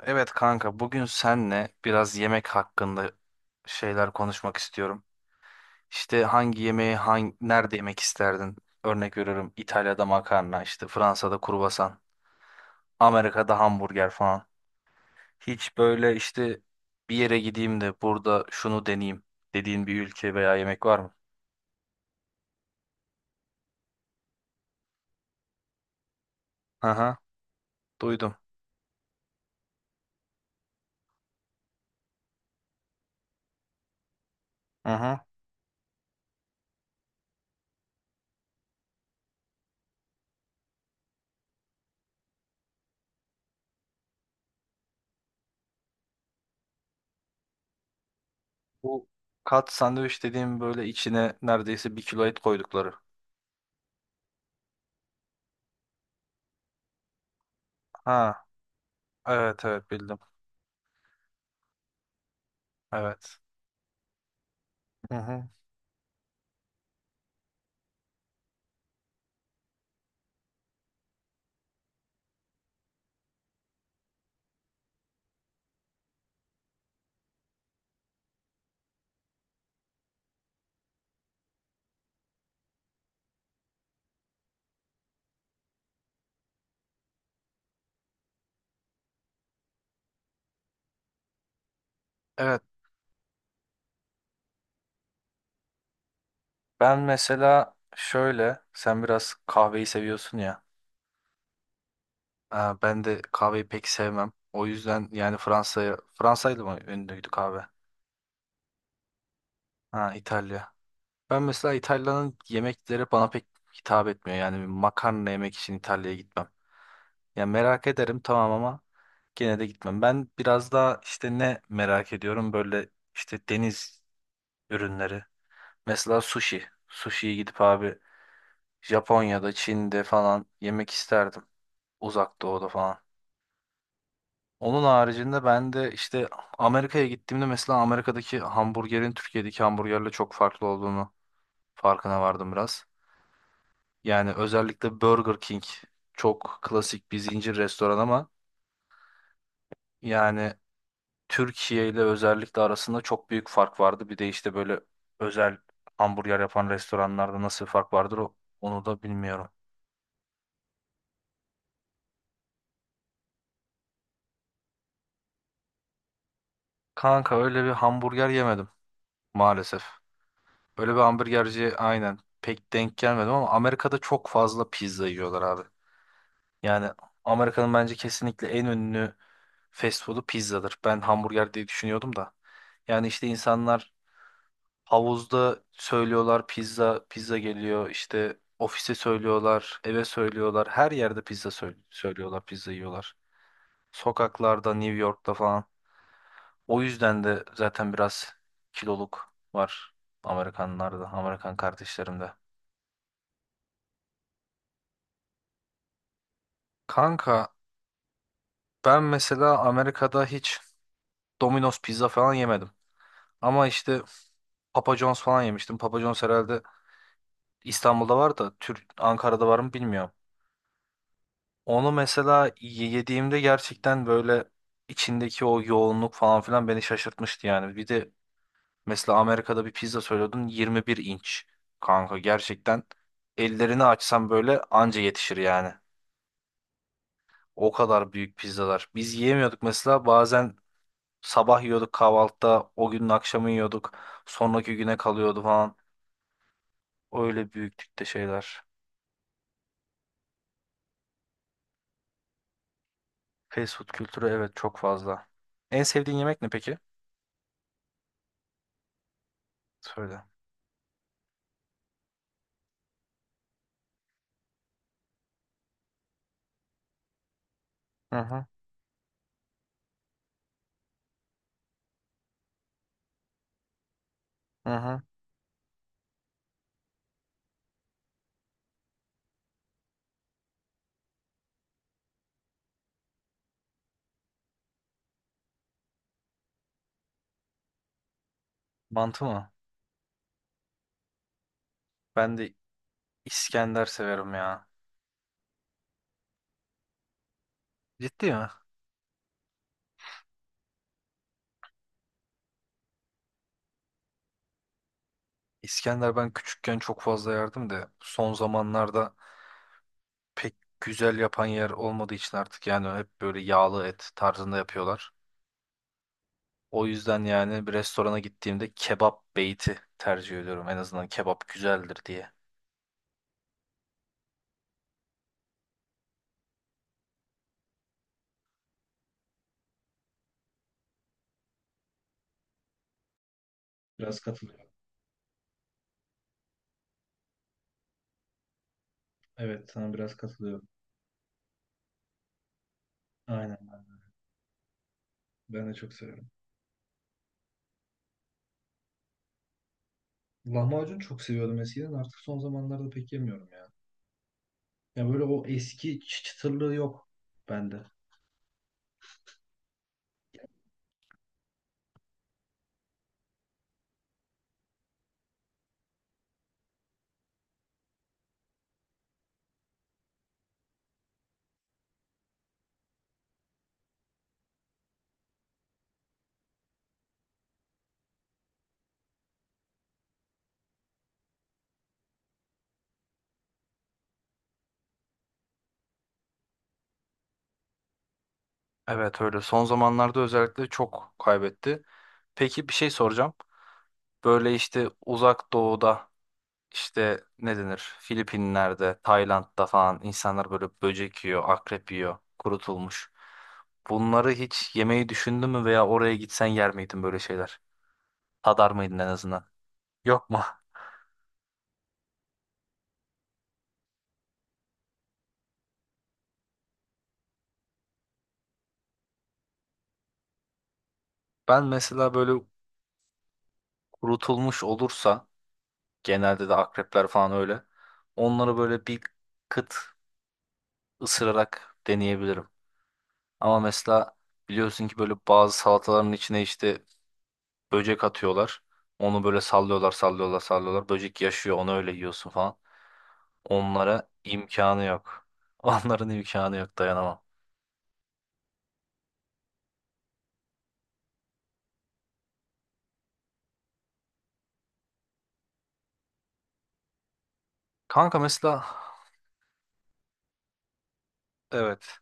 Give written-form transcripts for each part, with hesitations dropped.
Evet kanka bugün senle biraz yemek hakkında şeyler konuşmak istiyorum. İşte hangi yemeği hangi, nerede yemek isterdin? Örnek veriyorum İtalya'da makarna, işte Fransa'da kruvasan, Amerika'da hamburger falan. Hiç böyle işte bir yere gideyim de burada şunu deneyeyim dediğin bir ülke veya yemek var mı? Aha, duydum. Aha. Bu kat sandviç dediğim böyle içine neredeyse bir kilo et koydukları. Ha, evet evet bildim. Evet. Hı hı. Evet. Ben mesela şöyle, sen biraz kahveyi seviyorsun ya. Aa, ben de kahveyi pek sevmem. O yüzden yani Fransa'ya, Fransa'ydı mı ünlüydü kahve? Ha, İtalya. Ben mesela İtalya'nın yemekleri bana pek hitap etmiyor. Yani bir makarna yemek için İtalya'ya gitmem. Ya merak ederim tamam ama gene de gitmem. Ben biraz daha işte ne merak ediyorum böyle işte deniz ürünleri. Mesela sushi. Sushi'ye gidip abi Japonya'da, Çin'de falan yemek isterdim. Uzak Doğu'da falan. Onun haricinde ben de işte Amerika'ya gittiğimde mesela Amerika'daki hamburgerin Türkiye'deki hamburgerle çok farklı olduğunu farkına vardım biraz. Yani özellikle Burger King çok klasik bir zincir restoran ama yani Türkiye ile özellikle arasında çok büyük fark vardı. Bir de işte böyle özel hamburger yapan restoranlarda nasıl fark vardır o, onu da bilmiyorum. Kanka öyle bir hamburger yemedim maalesef. Öyle bir hamburgerci aynen pek denk gelmedim ama Amerika'da çok fazla pizza yiyorlar abi. Yani Amerika'nın bence kesinlikle en ünlü fast food'u pizzadır. Ben hamburger diye düşünüyordum da. Yani işte insanlar havuzda söylüyorlar pizza, pizza geliyor. İşte ofise söylüyorlar, eve söylüyorlar. Her yerde pizza söylüyorlar, pizza yiyorlar. Sokaklarda, New York'ta falan. O yüzden de zaten biraz kiloluk var Amerikanlarda, Amerikan kardeşlerimde. Kanka ben mesela Amerika'da hiç Domino's pizza falan yemedim. Ama işte Papa John's falan yemiştim. Papa John's herhalde İstanbul'da var da Türk Ankara'da var mı bilmiyorum. Onu mesela yediğimde gerçekten böyle içindeki o yoğunluk falan filan beni şaşırtmıştı yani. Bir de mesela Amerika'da bir pizza söylüyordun 21 inç. Kanka gerçekten ellerini açsam böyle anca yetişir yani. O kadar büyük pizzalar. Biz yiyemiyorduk mesela bazen sabah yiyorduk kahvaltıda, o günün akşamı yiyorduk. Sonraki güne kalıyordu falan. Öyle büyüklükte şeyler. Fast food kültürü evet çok fazla. En sevdiğin yemek ne peki? Söyle. Hı hı. Hı hı. Mantı mı? Ben de İskender severim ya. Ciddi mi? İskender ben küçükken çok fazla yerdim de son zamanlarda pek güzel yapan yer olmadığı için artık yani hep böyle yağlı et tarzında yapıyorlar. O yüzden yani bir restorana gittiğimde kebap beyti tercih ediyorum. En azından kebap güzeldir diye. Biraz katılıyorum. Evet, sana biraz katılıyorum. Aynen. Ben de çok seviyorum. Lahmacun çok seviyordum eskiden. Artık son zamanlarda pek yemiyorum ya. Ya böyle o eski çıtırlığı yok bende. Evet öyle. Son zamanlarda özellikle çok kaybetti. Peki bir şey soracağım. Böyle işte uzak doğuda İşte ne denir Filipinler'de, Tayland'da falan insanlar böyle böcek yiyor, akrep yiyor, kurutulmuş. Bunları hiç yemeyi düşündün mü veya oraya gitsen yer miydin böyle şeyler? Tadar mıydın en azından? Yok mu? Ben mesela böyle kurutulmuş olursa genelde de akrepler falan öyle. Onları böyle bir kıt ısırarak deneyebilirim. Ama mesela biliyorsun ki böyle bazı salataların içine işte böcek atıyorlar. Onu böyle sallıyorlar, sallıyorlar, sallıyorlar. Böcek yaşıyor, onu öyle yiyorsun falan. Onlara imkanı yok. Onların imkanı yok, dayanamam. Kanka mesela evet,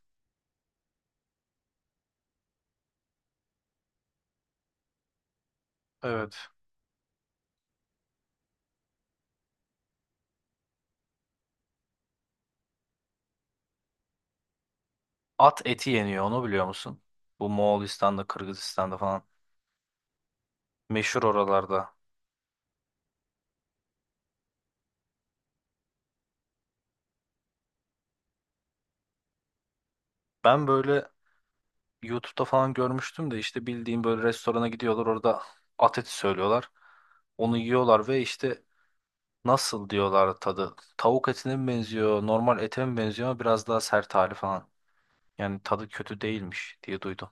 evet. At eti yeniyor, onu biliyor musun? Bu Moğolistan'da, Kırgızistan'da falan. Meşhur oralarda. Ben böyle YouTube'da falan görmüştüm de işte bildiğim böyle restorana gidiyorlar orada at eti söylüyorlar. Onu yiyorlar ve işte nasıl diyorlar tadı? Tavuk etine mi benziyor, normal ete mi benziyor ama biraz daha sert hali falan. Yani tadı kötü değilmiş diye duydum.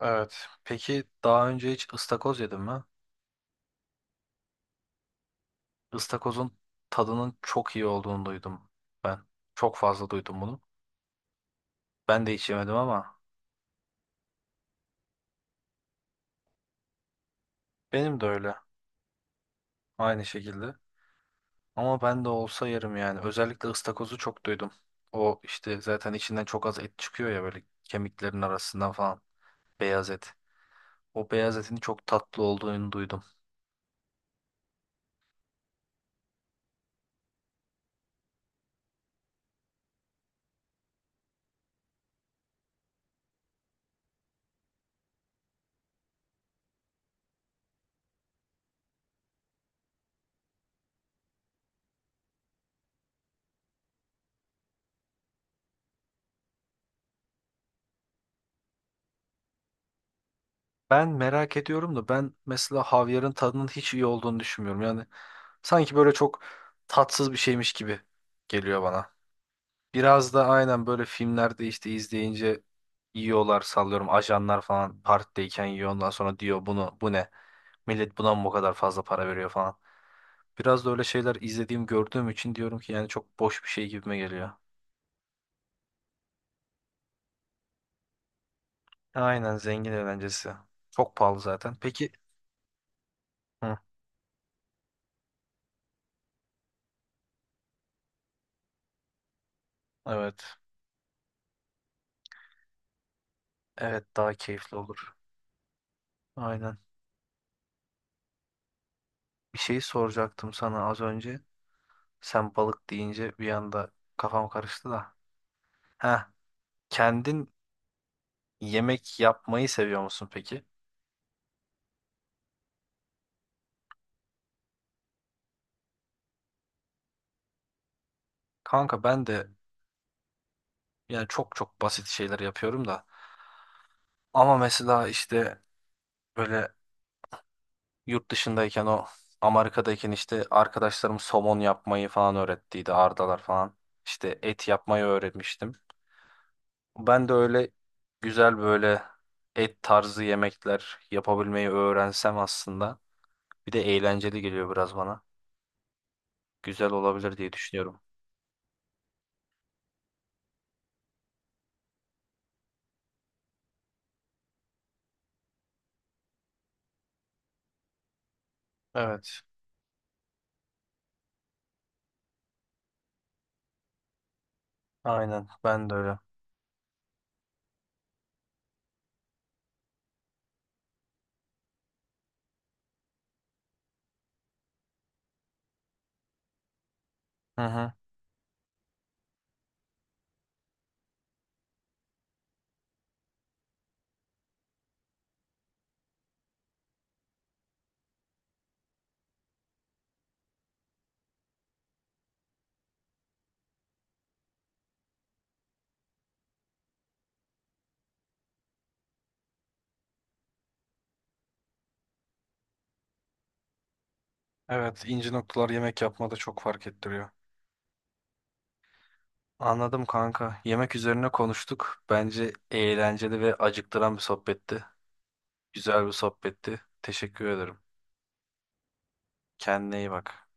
Evet. Peki daha önce hiç ıstakoz yedin mi? Istakozun tadının çok iyi olduğunu duydum ben. Çok fazla duydum bunu. Ben de hiç yemedim ama benim de öyle. Aynı şekilde. Ama ben de olsa yerim yani. Özellikle ıstakozu çok duydum. O işte zaten içinden çok az et çıkıyor ya böyle kemiklerin arasından falan. Beyaz et. O beyaz etin çok tatlı olduğunu duydum. Ben merak ediyorum da ben mesela havyarın tadının hiç iyi olduğunu düşünmüyorum. Yani sanki böyle çok tatsız bir şeymiş gibi geliyor bana. Biraz da aynen böyle filmlerde işte izleyince yiyorlar sallıyorum ajanlar falan partideyken yiyor ondan sonra diyor bunu bu ne? Millet buna mı bu kadar fazla para veriyor falan. Biraz da öyle şeyler izlediğim gördüğüm için diyorum ki yani çok boş bir şey gibime geliyor. Aynen zengin eğlencesi. Çok pahalı zaten. Peki. Hı, evet. Evet, daha keyifli olur. Aynen. Bir şey soracaktım sana az önce. Sen balık deyince bir anda kafam karıştı da. Heh, kendin yemek yapmayı seviyor musun peki? Kanka ben de yani çok çok basit şeyler yapıyorum da. Ama mesela işte böyle yurt dışındayken o Amerika'dayken işte arkadaşlarım somon yapmayı falan öğrettiydi. Ardalar falan. İşte et yapmayı öğretmiştim. Ben de öyle güzel böyle et tarzı yemekler yapabilmeyi öğrensem aslında. Bir de eğlenceli geliyor biraz bana. Güzel olabilir diye düşünüyorum. Evet. Aynen ben de öyle. Hı hı. Evet, ince noktalar yemek yapmada çok fark ettiriyor. Anladım kanka. Yemek üzerine konuştuk. Bence eğlenceli ve acıktıran bir sohbetti. Güzel bir sohbetti. Teşekkür ederim. Kendine iyi bak.